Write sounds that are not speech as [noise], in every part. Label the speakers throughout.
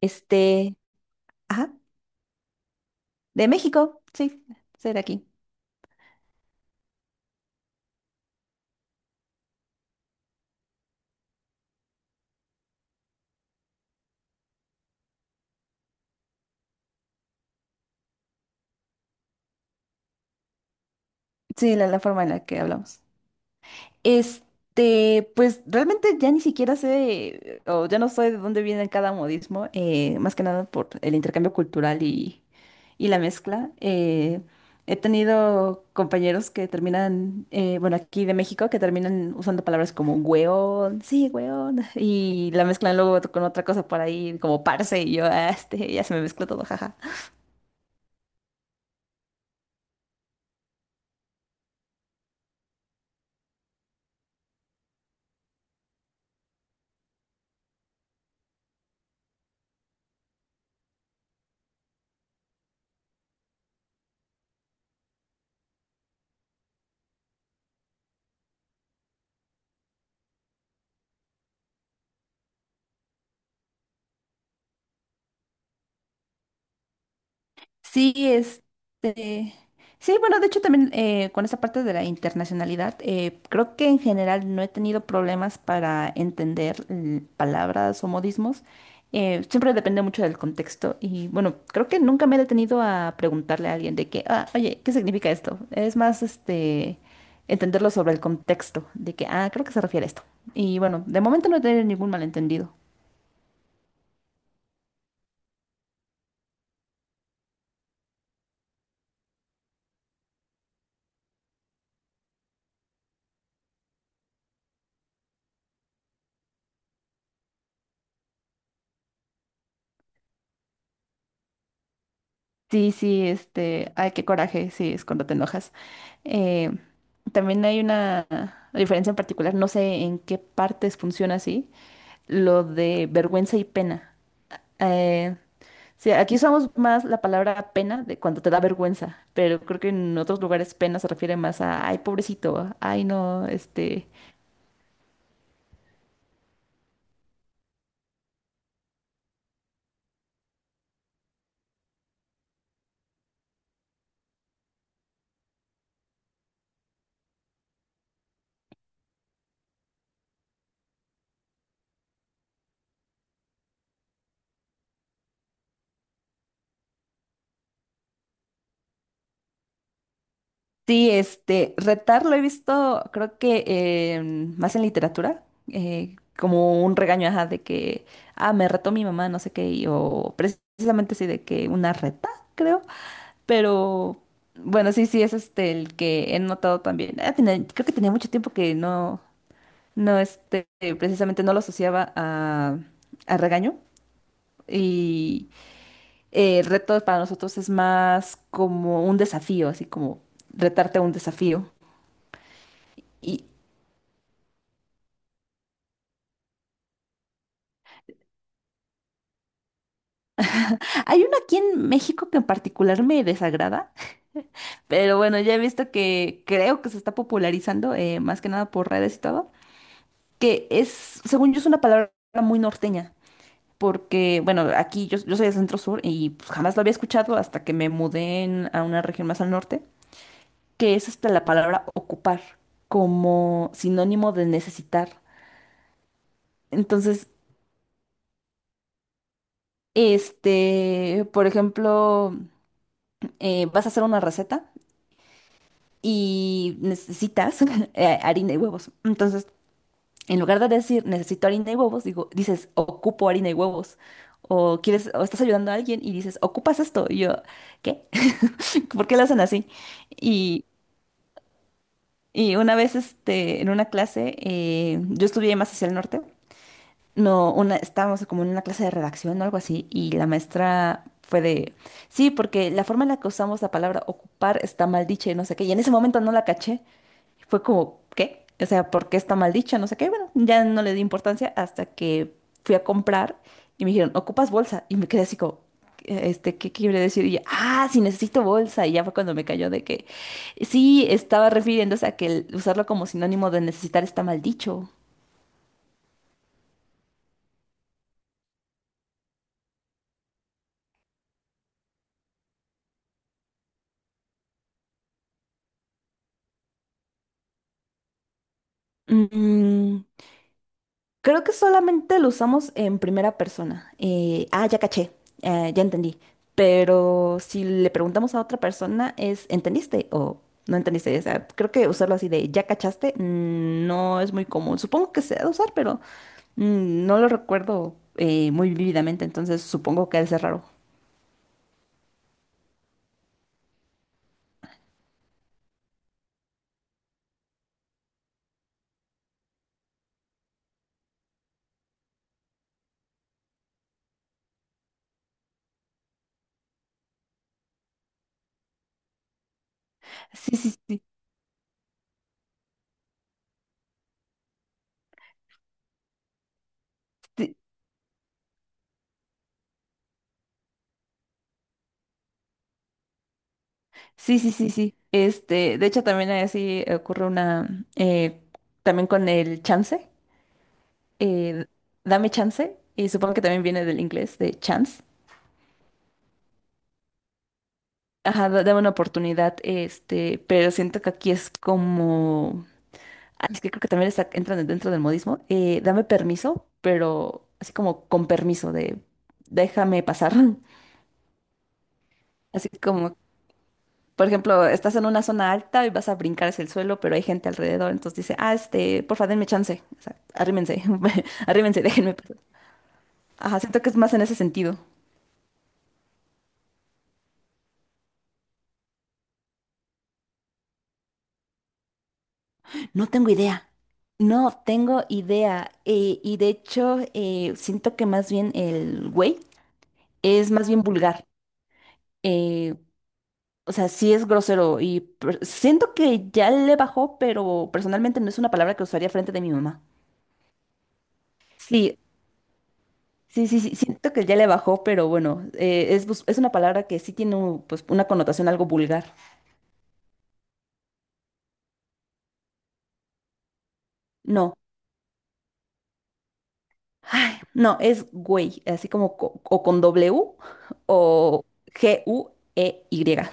Speaker 1: Este, ajá, de México, sí, ser aquí. Sí, la forma en la que hablamos. Pues realmente ya ni siquiera sé, o ya no sé de dónde viene cada modismo, más que nada por el intercambio cultural y la mezcla. He tenido compañeros que terminan, bueno, aquí de México, que terminan usando palabras como hueón, sí, hueón, y la mezclan luego con otra cosa por ahí, como parce, y yo, "Ah, ya se me mezcló todo, jaja. Sí, sí, bueno, de hecho también con esa parte de la internacionalidad, creo que en general no he tenido problemas para entender palabras o modismos. Siempre depende mucho del contexto y bueno, creo que nunca me he detenido a preguntarle a alguien de que, ah, oye, ¿qué significa esto? Es más, entenderlo sobre el contexto, de que, ah, creo que se refiere a esto. Y bueno, de momento no he tenido ningún malentendido. Sí, sí, ay, qué coraje, sí, es cuando te enojas. Eh, también hay una diferencia en particular, no sé en qué partes funciona así, lo de vergüenza y pena. Eh, sí, aquí usamos más la palabra pena de cuando te da vergüenza, pero creo que en otros lugares pena se refiere más a, ay, pobrecito, ay, no, este, Sí, retar lo he visto, creo más en literatura, como un regaño, ajá, de que, ah, me retó mi mamá, no sé qué, o precisamente sí, de que una reta, creo, pero bueno, sí, sí, es este el que he notado también. Creo que tenía mucho tiempo que no, no, precisamente no lo asociaba a regaño, y el reto para nosotros es más como un desafío, así como retarte a un desafío. Hay uno aquí en México que en particular me desagrada, pero bueno, ya he visto que creo que se está popularizando, más que nada por redes y todo, que es, según yo, es una palabra muy norteña, porque bueno, aquí yo, yo soy de Centro Sur y pues, jamás lo había escuchado hasta que a una región más al norte, que es hasta la palabra ocupar, como sinónimo de necesitar. Entonces, por ejemplo, vas a hacer una receta y necesitas [laughs] harina y huevos. Entonces, en lugar de decir necesito harina y huevos, digo, dices ocupo harina y huevos. O quieres, o estás ayudando a alguien y dices, ocupas esto. Y yo, ¿qué? [laughs] ¿Por qué lo hacen así? Y, y una vez en una clase, yo estudié más hacia el norte. No, una, estábamos como en una clase de redacción o algo así, y la maestra fue de, sí, porque la forma en la que usamos la palabra ocupar está mal dicha y no sé qué, y en ese momento no la caché, fue como, ¿qué? O sea, ¿por qué está mal dicha? No sé qué, bueno, ya no le di importancia hasta que fui a comprar y me dijeron, ¿ocupas bolsa? Y me quedé así como, ¿qué quiere decir? Y yo, ah, sí, necesito bolsa, y ya fue cuando me cayó de que, sí, estaba refiriéndose a que el usarlo como sinónimo de necesitar está mal dicho. Mm, Creo que solamente lo usamos en primera persona. Ah, ya caché, ya entendí. Pero si le preguntamos a otra persona es ¿entendiste o no entendiste? O sea, creo que usarlo así de ya cachaste no es muy común. Supongo que se ha de usar, pero no lo recuerdo muy vívidamente, entonces supongo que ha de ser raro. Sí, sí, sí, sí, sí, sí, sí, sí. De hecho, también así ocurre una, también con el chance. eh, dame chance, y supongo que también viene del inglés, de chance. Ajá, dame una oportunidad, pero siento que aquí es como, ah, es que creo que también está, entran dentro del modismo, dame permiso, pero así como con permiso de déjame pasar. [laughs] Así como, por ejemplo, estás en una zona alta y vas a brincar hacia el suelo, pero hay gente alrededor, entonces dice, ah, porfa, denme chance, o sea, arrímense, [laughs] arrímense, déjenme pasar. Ajá, siento que es más en ese sentido. No tengo idea. No tengo idea. Y de hecho, siento que más bien el güey es más bien vulgar. eh, o sea, sí es grosero siento que ya le bajó, pero personalmente no es una palabra que usaría frente de mi mamá. Sí, sí, sí, sí, siento que ya le bajó, pero bueno, es, es una palabra que sí tiene pues, una connotación algo vulgar. No, ay, no, es güey, así como o con W o GUEY.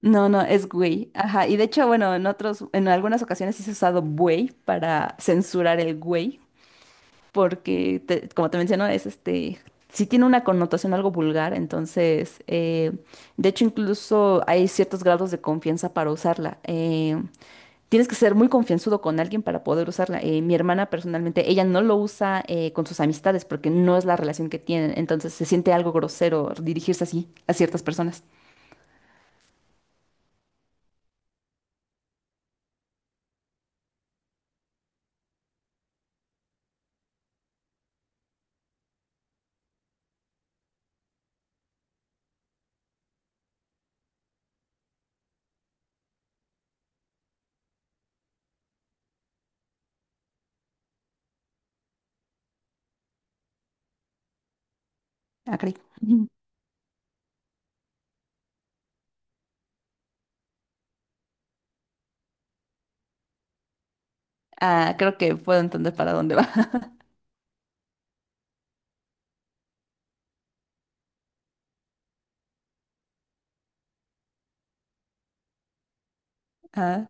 Speaker 1: No, no, es güey. Ajá. Y de hecho, bueno, en otros, en algunas ocasiones sí se ha usado güey para censurar el güey, porque, como te menciono, es sí tiene una connotación algo vulgar, entonces, de hecho, incluso hay ciertos grados de confianza para usarla. Tienes que ser muy confianzudo con alguien para poder usarla. Mi hermana personalmente, ella no lo usa con sus amistades porque no es la relación que tienen, entonces se siente algo grosero dirigirse así a ciertas personas. Ah, caray. Ah, creo que puedo entender para dónde va. [laughs] Ah,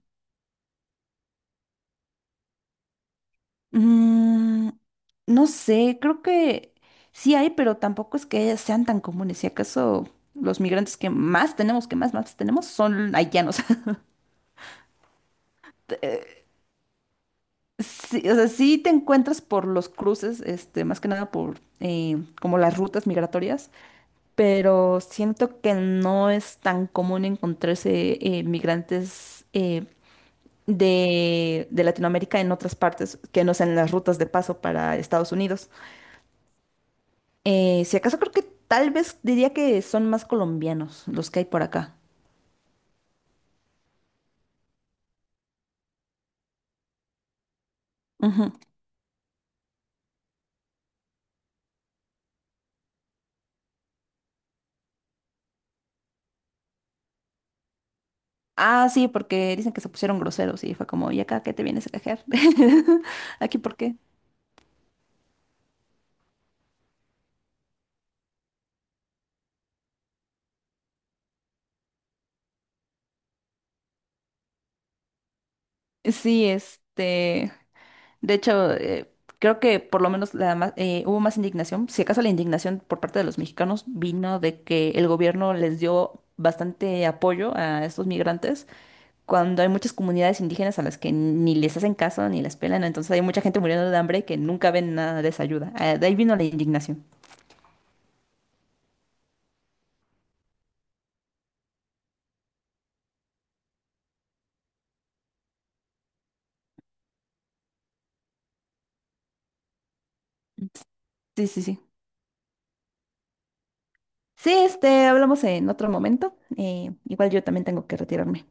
Speaker 1: mm, no sé, creo que sí hay, pero tampoco es que sean tan comunes. Si acaso los migrantes que más tenemos, que más tenemos, son haitianos. [laughs] Eh, sí, o sea, sí te encuentras por los cruces, más que nada por como las rutas migratorias, pero siento que no es tan común encontrarse migrantes. De Latinoamérica en otras partes que no sean las rutas de paso para Estados Unidos. Si acaso creo que tal vez diría que son más colombianos los que hay por acá. Ujú. Ah, sí, porque dicen que se pusieron groseros y fue como, ¿y acá qué te vienes a cajear? [laughs] ¿Aquí por qué? Sí, de hecho, creo que por lo menos hubo más indignación. Si acaso la indignación por parte de los mexicanos vino de que el gobierno les dio bastante apoyo a estos migrantes cuando hay muchas comunidades indígenas a las que ni les hacen caso ni las pelan, entonces hay mucha gente muriendo de hambre que nunca ven nada de esa ayuda. Ah, de ahí vino la indignación. Sí, sí, sí. Sí, hablamos en otro momento. Igual yo también tengo que retirarme.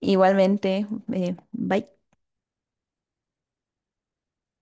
Speaker 1: Igualmente, bye.